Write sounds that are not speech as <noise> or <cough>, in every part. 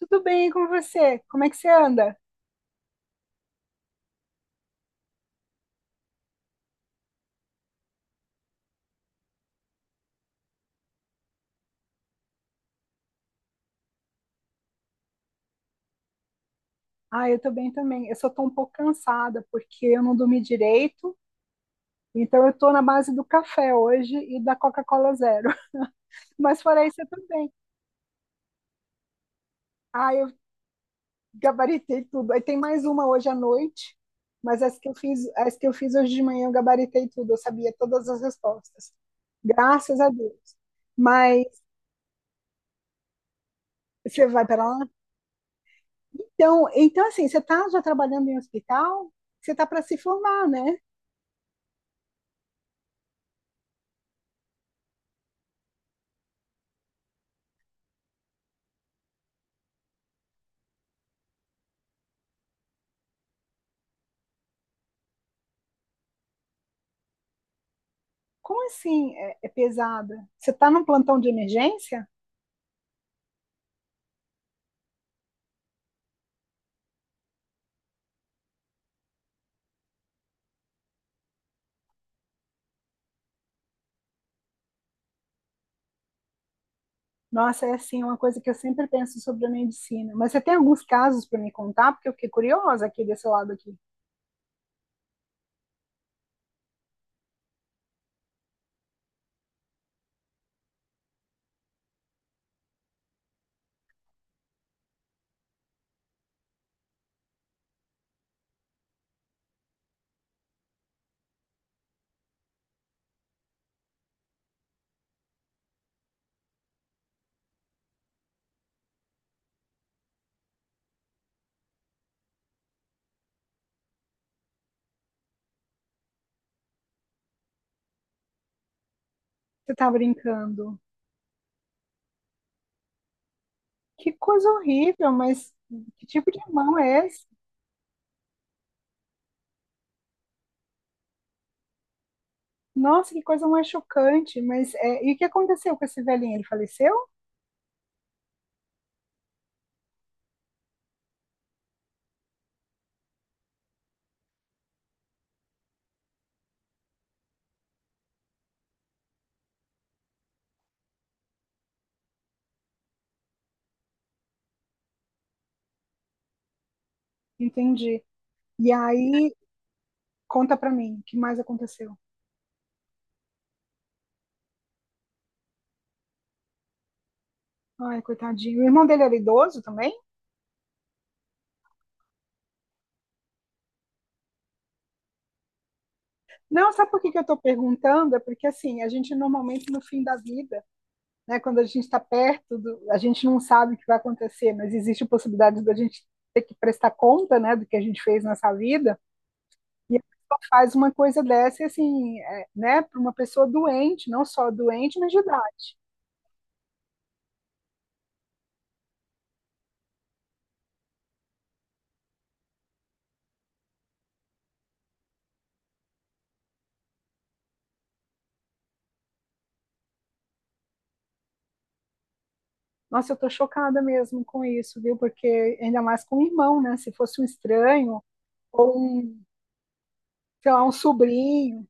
Tudo bem, e com você? Como é que você anda? Ah, eu tô bem também. Eu só tô um pouco cansada porque eu não dormi direito, então eu tô na base do café hoje e da Coca-Cola zero. <laughs> Mas fora isso, eu tô bem. Ah, eu gabaritei tudo. Aí tem mais uma hoje à noite, mas as que eu fiz hoje de manhã eu gabaritei tudo, eu sabia todas as respostas. Graças a Deus. Mas você vai para lá? Então assim, você tá já trabalhando em hospital? Você tá para se formar, né? Como assim é pesada? Você está num plantão de emergência? Nossa, é assim, é uma coisa que eu sempre penso sobre a medicina. Mas você tem alguns casos para me contar? Porque eu fiquei curiosa aqui desse lado aqui. Você está brincando. Que coisa horrível, mas que tipo de irmão é esse? Nossa, que coisa mais chocante. Mas e o que aconteceu com esse velhinho? Ele faleceu? Entendi. E aí, conta pra mim, o que mais aconteceu? Ai, coitadinho. O irmão dele era idoso também? Não, sabe por que que eu estou perguntando? É porque assim, a gente normalmente no fim da vida, né, quando a gente está perto, a gente não sabe o que vai acontecer, mas existe a possibilidade da gente ter que prestar conta, né, do que a gente fez nessa vida. E a pessoa faz uma coisa dessa, e, assim, é, né, para uma pessoa doente, não só doente, mas de idade. Nossa, eu estou chocada mesmo com isso, viu? Porque ainda mais com o irmão, né? Se fosse um estranho ou um, sei lá, um sobrinho,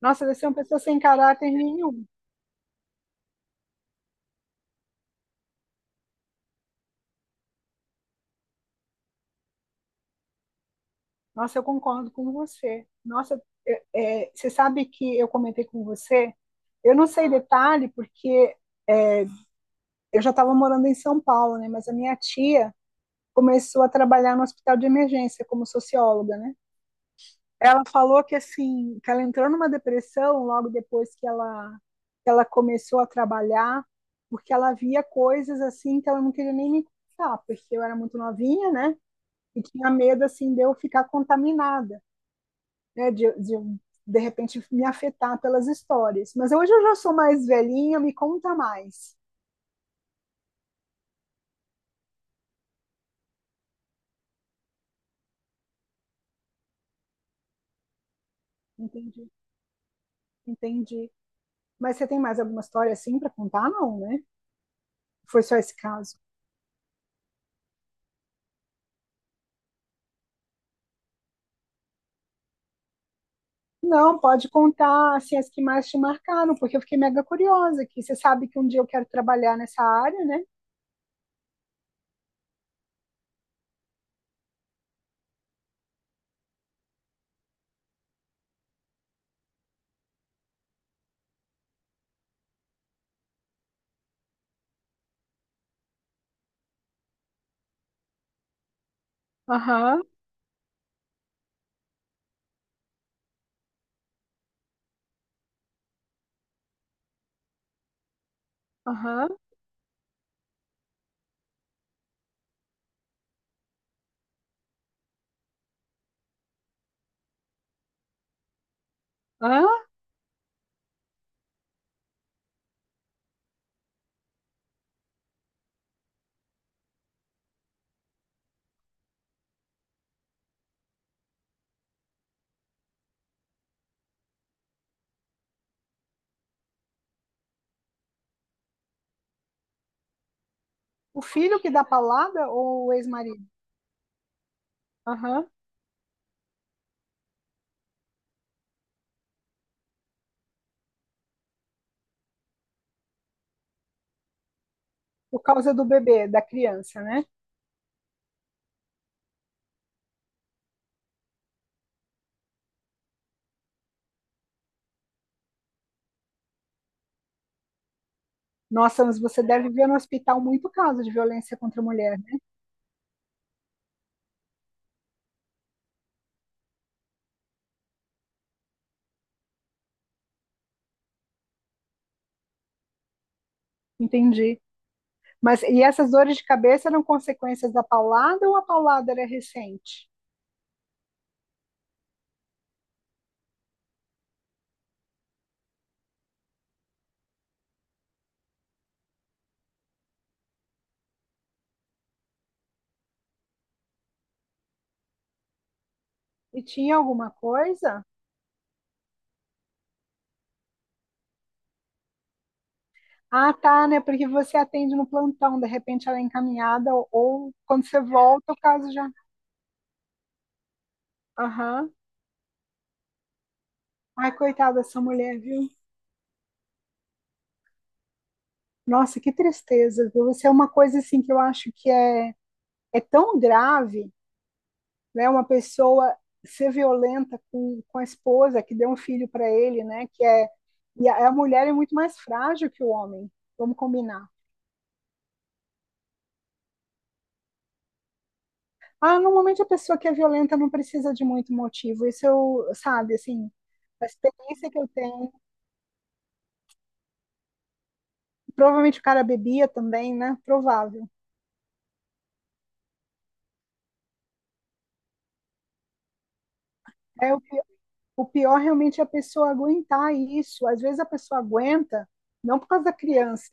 nossa, deve ser uma pessoa sem caráter nenhum. Nossa, eu concordo com você. Nossa, você sabe que eu comentei com você? Eu não sei detalhe, porque é, eu já estava morando em São Paulo, né? Mas a minha tia começou a trabalhar no hospital de emergência como socióloga, né? Ela falou que assim, que ela entrou numa depressão logo depois que ela começou a trabalhar, porque ela via coisas assim que ela não queria nem me contar, porque eu era muito novinha, né? E tinha medo assim de eu ficar contaminada. Né, de repente me afetar pelas histórias. Mas hoje eu já sou mais velhinha, me conta mais. Entendi, entendi. Mas você tem mais alguma história assim para contar? Não, né? Foi só esse caso. Não, pode contar assim, as que mais te marcaram, porque eu fiquei mega curiosa aqui. Você sabe que um dia eu quero trabalhar nessa área, né? Aham, aham. Hã? O filho que dá palada ou o ex-marido? Aham. Por causa do bebê, da criança, né? Nossa, mas você deve ver no hospital muito caso de violência contra a mulher. Entendi. Mas e essas dores de cabeça eram consequências da paulada ou a paulada era recente? E tinha alguma coisa? Ah, tá, né? Porque você atende no plantão, de repente ela é encaminhada, ou quando você volta, o caso já. Aham. Ai, coitada dessa mulher, viu? Nossa, que tristeza, viu? Isso é uma coisa assim que eu acho que é tão grave né? Uma pessoa ser violenta com a esposa que deu um filho para ele, né? Que é e a mulher é muito mais frágil que o homem. Vamos combinar. Ah, normalmente a pessoa que é violenta não precisa de muito motivo. Isso eu, sabe, assim, a experiência que eu tenho. Provavelmente o cara bebia também, né? Provável. É o, pi- o pior realmente é a pessoa aguentar isso. Às vezes a pessoa aguenta não por causa da criança,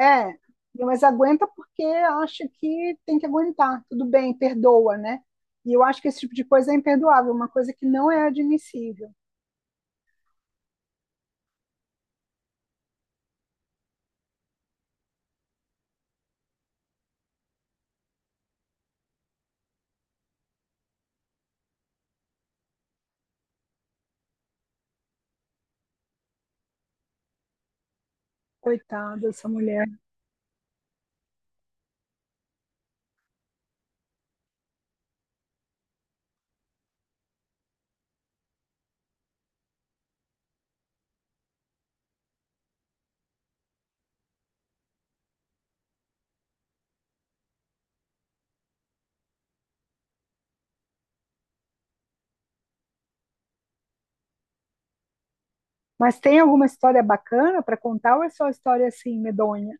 É, mas aguenta porque acha que tem que aguentar. Tudo bem, perdoa, né? E eu acho que esse tipo de coisa é imperdoável, uma coisa que não é admissível. Coitada dessa mulher. Mas tem alguma história bacana para contar ou é só história assim, medonha?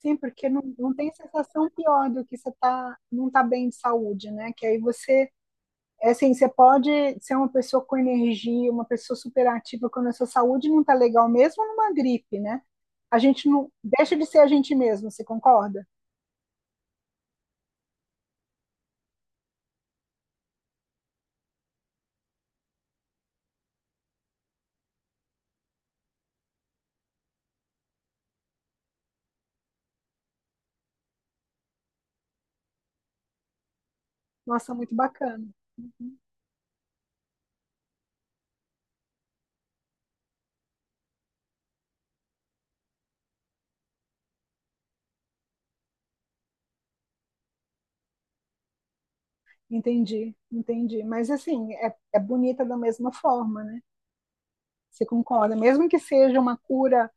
Sim, porque não, não tem sensação pior do que você tá, não tá bem de saúde, né? Que aí você é assim, você pode ser uma pessoa com energia, uma pessoa superativa quando a sua saúde não está legal, mesmo numa gripe, né? A gente não deixa de ser a gente mesmo, você concorda? Nossa, muito bacana. Uhum. Entendi, entendi. Mas assim, é bonita da mesma forma, né? Você concorda? Mesmo que seja uma cura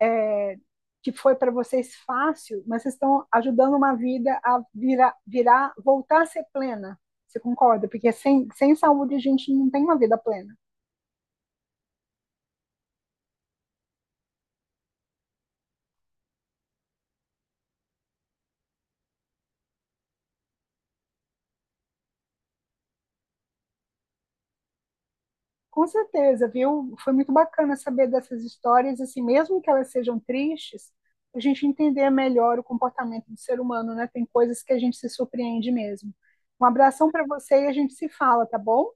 é, que foi para vocês fácil, mas vocês estão ajudando uma vida a virar, voltar a ser plena. Você concorda? Porque sem saúde a gente não tem uma vida plena. Com certeza, viu? Foi muito bacana saber dessas histórias, assim, mesmo que elas sejam tristes, a gente entender melhor o comportamento do ser humano, né? Tem coisas que a gente se surpreende mesmo. Um abração para você e a gente se fala, tá bom?